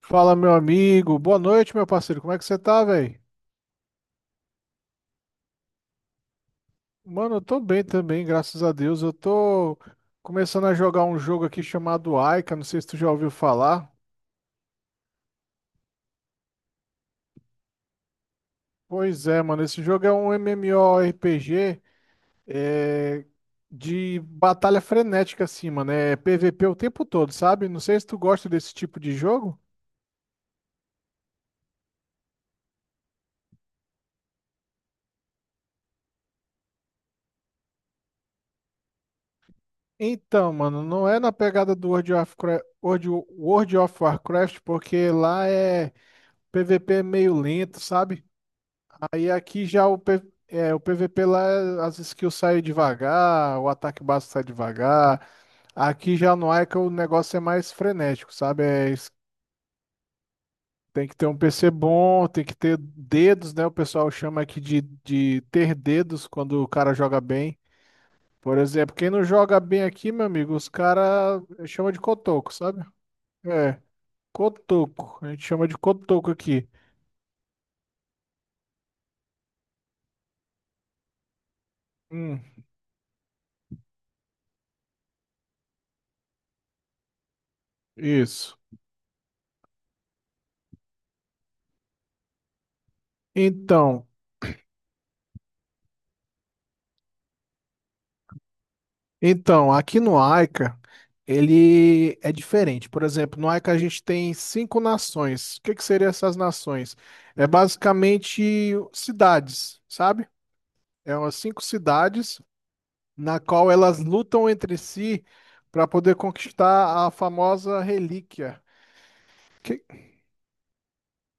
Fala, meu amigo. Boa noite, meu parceiro. Como é que você tá, velho? Mano, eu tô bem também, graças a Deus. Eu tô começando a jogar um jogo aqui chamado Aika. Não sei se tu já ouviu falar. Pois é, mano. Esse jogo é um MMORPG, é, de batalha frenética, assim, mano. É PVP o tempo todo, sabe? Não sei se tu gosta desse tipo de jogo. Então, mano, não é na pegada do World of Warcraft, porque lá é PVP meio lento, sabe? Aí aqui já o PVP lá, as skills saem devagar, o ataque básico sai devagar. Aqui já no Ica o negócio é mais frenético, sabe? Tem que ter um PC bom, tem que ter dedos, né? O pessoal chama aqui de ter dedos quando o cara joga bem. Por exemplo, quem não joga bem aqui, meu amigo, os caras chama de cotoco, sabe? É, cotoco. A gente chama de cotoco aqui. Hum, isso. Então. Então, aqui no AICA, ele é diferente. Por exemplo, no AICA a gente tem cinco nações. O que que seriam essas nações? É basicamente cidades, sabe? É umas cinco cidades na qual elas lutam entre si para poder conquistar a famosa relíquia. Que-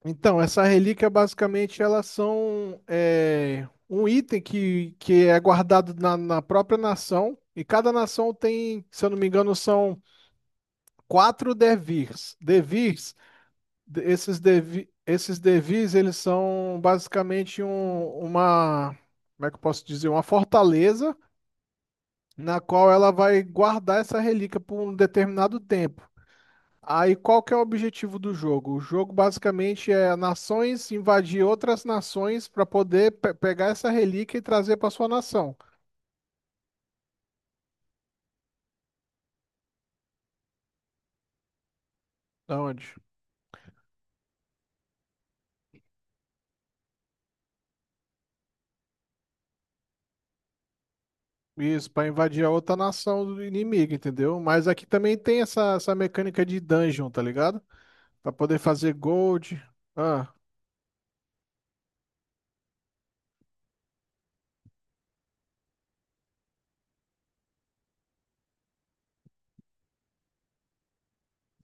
Então, essa relíquia basicamente elas são um item que é guardado na própria nação. E cada nação tem, se eu não me engano, são quatro devirs. Esses devirs, eles são basicamente uma, como é que eu posso dizer, uma fortaleza na qual ela vai guardar essa relíquia por um determinado tempo. Aí qual que é o objetivo do jogo? O jogo basicamente é nações invadir outras nações para poder pegar essa relíquia e trazer para sua nação. Da onde? Isso, para invadir a outra nação do inimigo, entendeu? Mas aqui também tem essa mecânica de dungeon, tá ligado? Para poder fazer gold. Ah,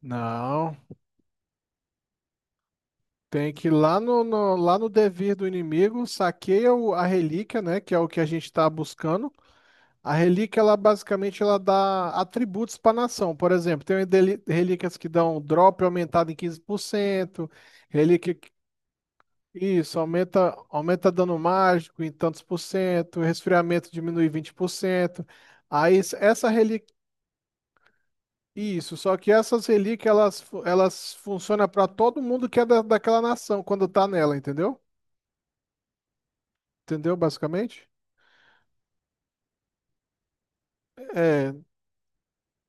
não. Tem que ir lá no devir do inimigo, saqueia a relíquia, né? Que é o que a gente está buscando. A relíquia, ela basicamente ela dá atributos pra nação. Por exemplo, tem relíquias que dão drop aumentado em 15%. Relíquia que- isso, aumenta dano mágico em tantos por cento, resfriamento diminui 20%. Aí s- essa relíquia Isso, só que essas relíquias, elas funcionam para todo mundo que é daquela nação, quando tá nela, entendeu? Entendeu, basicamente? É,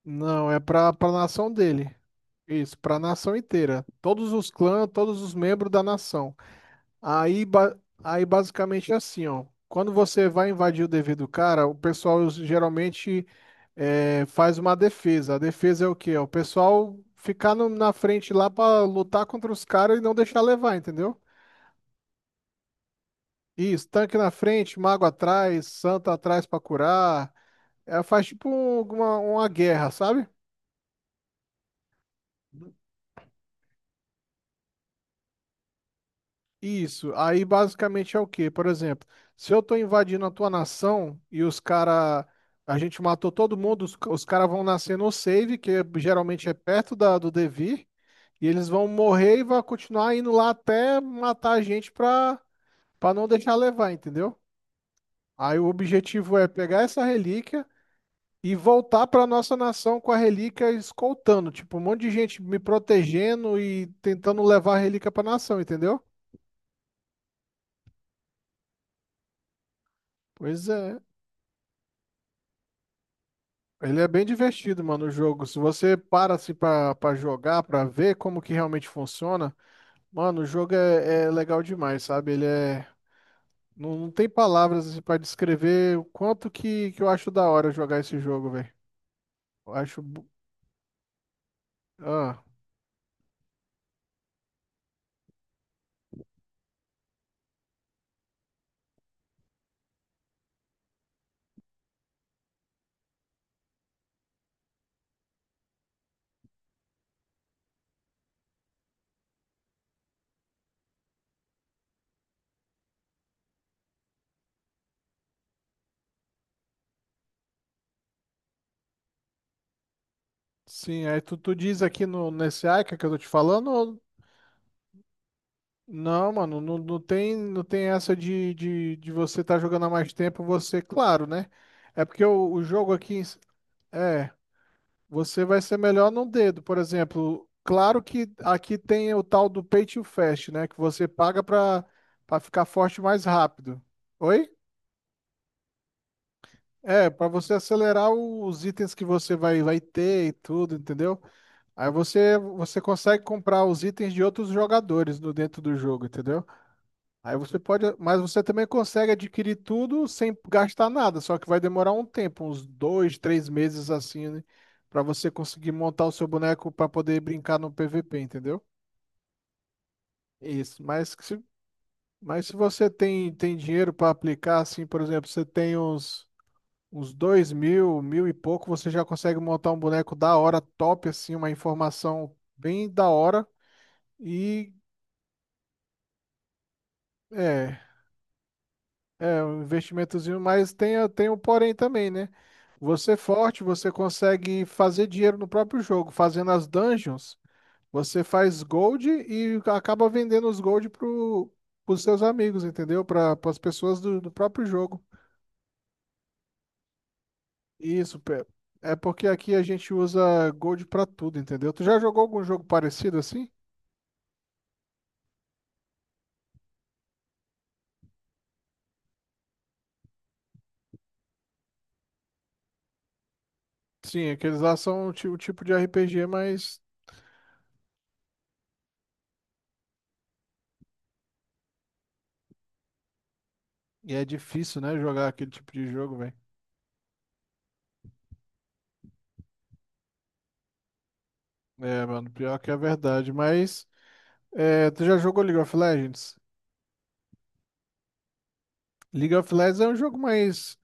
não, é para nação dele. Isso, para nação inteira. Todos os clãs, todos os membros da nação. Aí, ba- aí basicamente é assim, ó. Quando você vai invadir o dever do cara, o pessoal geralmente faz uma defesa. A defesa é o quê? É o pessoal ficar na frente lá para lutar contra os caras e não deixar levar, entendeu? Isso, tanque na frente, mago atrás, santo atrás pra curar. É, faz tipo uma guerra, sabe? Isso. Aí basicamente é o quê? Por exemplo, se eu tô invadindo a tua nação e os cara, a gente matou todo mundo, os caras vão nascer no save, geralmente é perto do Devir, e eles vão morrer e vão continuar indo lá até matar a gente pra não deixar levar, entendeu? Aí o objetivo é pegar essa relíquia e voltar para nossa nação com a relíquia, escoltando, tipo, um monte de gente me protegendo e tentando levar a relíquia para nação, entendeu? Pois é. Ele é bem divertido, mano, o jogo. Se você para assim para jogar, para ver como que realmente funciona, mano, o jogo é legal demais, sabe? Ele é não, não tem palavras assim, para descrever o quanto que eu acho da hora jogar esse jogo, velho. Eu acho bu- ah, sim, aí tu diz aqui no nesse Aika que eu tô te falando, ou... Não, mano, não, não tem essa de você estar jogando há mais tempo, você, claro, né? É porque o jogo aqui, é, você vai ser melhor num dedo, por exemplo. Claro que aqui tem o tal do Pay to Fast, né? Que você paga pra ficar forte mais rápido. Oi? É, pra você acelerar os itens que você vai ter e tudo, entendeu? Aí você consegue comprar os itens de outros jogadores no, dentro do jogo, entendeu? Aí você pode, mas você também consegue adquirir tudo sem gastar nada, só que vai demorar um tempo, uns 2, 3 meses assim, né? Para você conseguir montar o seu boneco para poder brincar no PVP, entendeu? Isso. Mas se você tem dinheiro para aplicar, assim, por exemplo, você tem uns 2 mil, mil e pouco, você já consegue montar um boneco da hora, top, assim, uma informação bem da hora. E é, É um investimentozinho, mas tem o porém também, né? Você é forte, você consegue fazer dinheiro no próprio jogo. Fazendo as dungeons, você faz gold e acaba vendendo os gold pros seus amigos, entendeu? Para as pessoas do próprio jogo. Isso, é porque aqui a gente usa gold pra tudo, entendeu? Tu já jogou algum jogo parecido assim? Sim, aqueles lá são o tipo de RPG, mas é difícil, né, jogar aquele tipo de jogo, velho. É, mano, pior que é verdade, mas tu já jogou League of Legends? League of Legends é um jogo mais,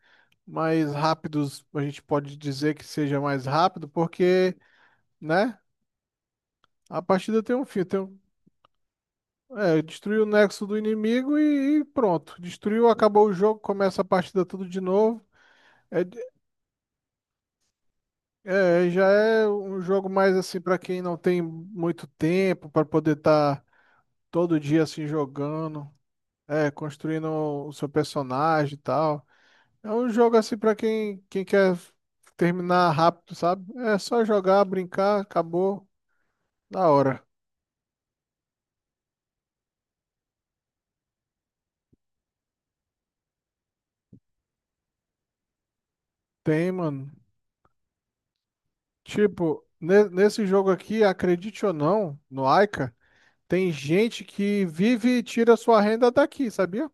mais rápido, a gente pode dizer que seja mais rápido, porque, né, a partida tem um fim, destruiu o nexo do inimigo e pronto, destruiu, acabou o jogo, começa a partida tudo de novo. é, de- Já é um jogo mais assim, pra quem não tem muito tempo pra poder estar todo dia assim jogando, construindo o seu personagem e tal. É um jogo assim pra quem quer terminar rápido, sabe? É só jogar, brincar, acabou, da hora. Tem, mano. Tipo, nesse jogo aqui, acredite ou não, no Aika, tem gente que vive e tira sua renda daqui, sabia?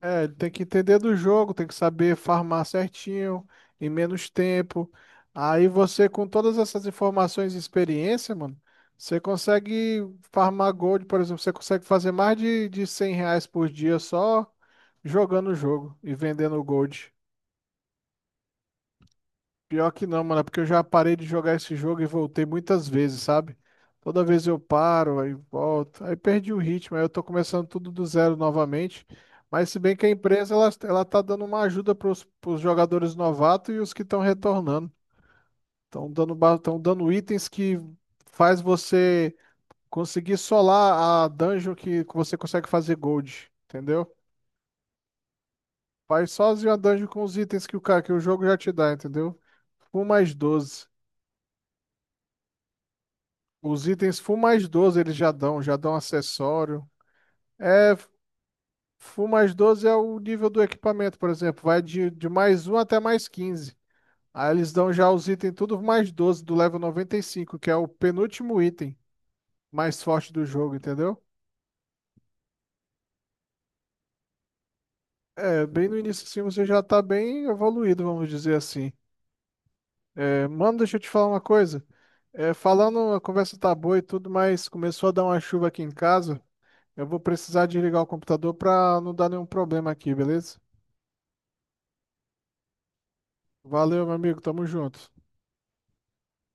É, tem que entender do jogo, tem que saber farmar certinho, em menos tempo. Aí você, com todas essas informações e experiência, mano, você consegue farmar gold. Por exemplo, você consegue fazer mais de R$ 100 por dia, só jogando o jogo e vendendo gold. Pior que não, mano, é porque eu já parei de jogar esse jogo e voltei muitas vezes, sabe? Toda vez eu paro, aí volto, aí perdi o ritmo, aí eu tô começando tudo do zero novamente. Mas se bem que a empresa, ela tá dando uma ajuda pros jogadores novatos e os que estão retornando. Tão dando itens que faz você conseguir solar a dungeon, que você consegue fazer gold, entendeu? Faz sozinho a dungeon com os itens que o jogo já te dá, entendeu? 1 mais 12. Os itens Full mais 12 eles já dão acessório. É, Full mais 12 é o nível do equipamento. Por exemplo, vai de mais um até mais 15. Aí eles dão já os itens tudo mais 12 do level 95, que é o penúltimo item mais forte do jogo, entendeu? É, bem no início assim, você já tá bem evoluído, vamos dizer assim. É, mano, deixa eu te falar uma coisa. É, falando, a conversa tá boa e tudo, mas começou a dar uma chuva aqui em casa. Eu vou precisar desligar o computador pra não dar nenhum problema aqui, beleza? Valeu, meu amigo. Tamo junto.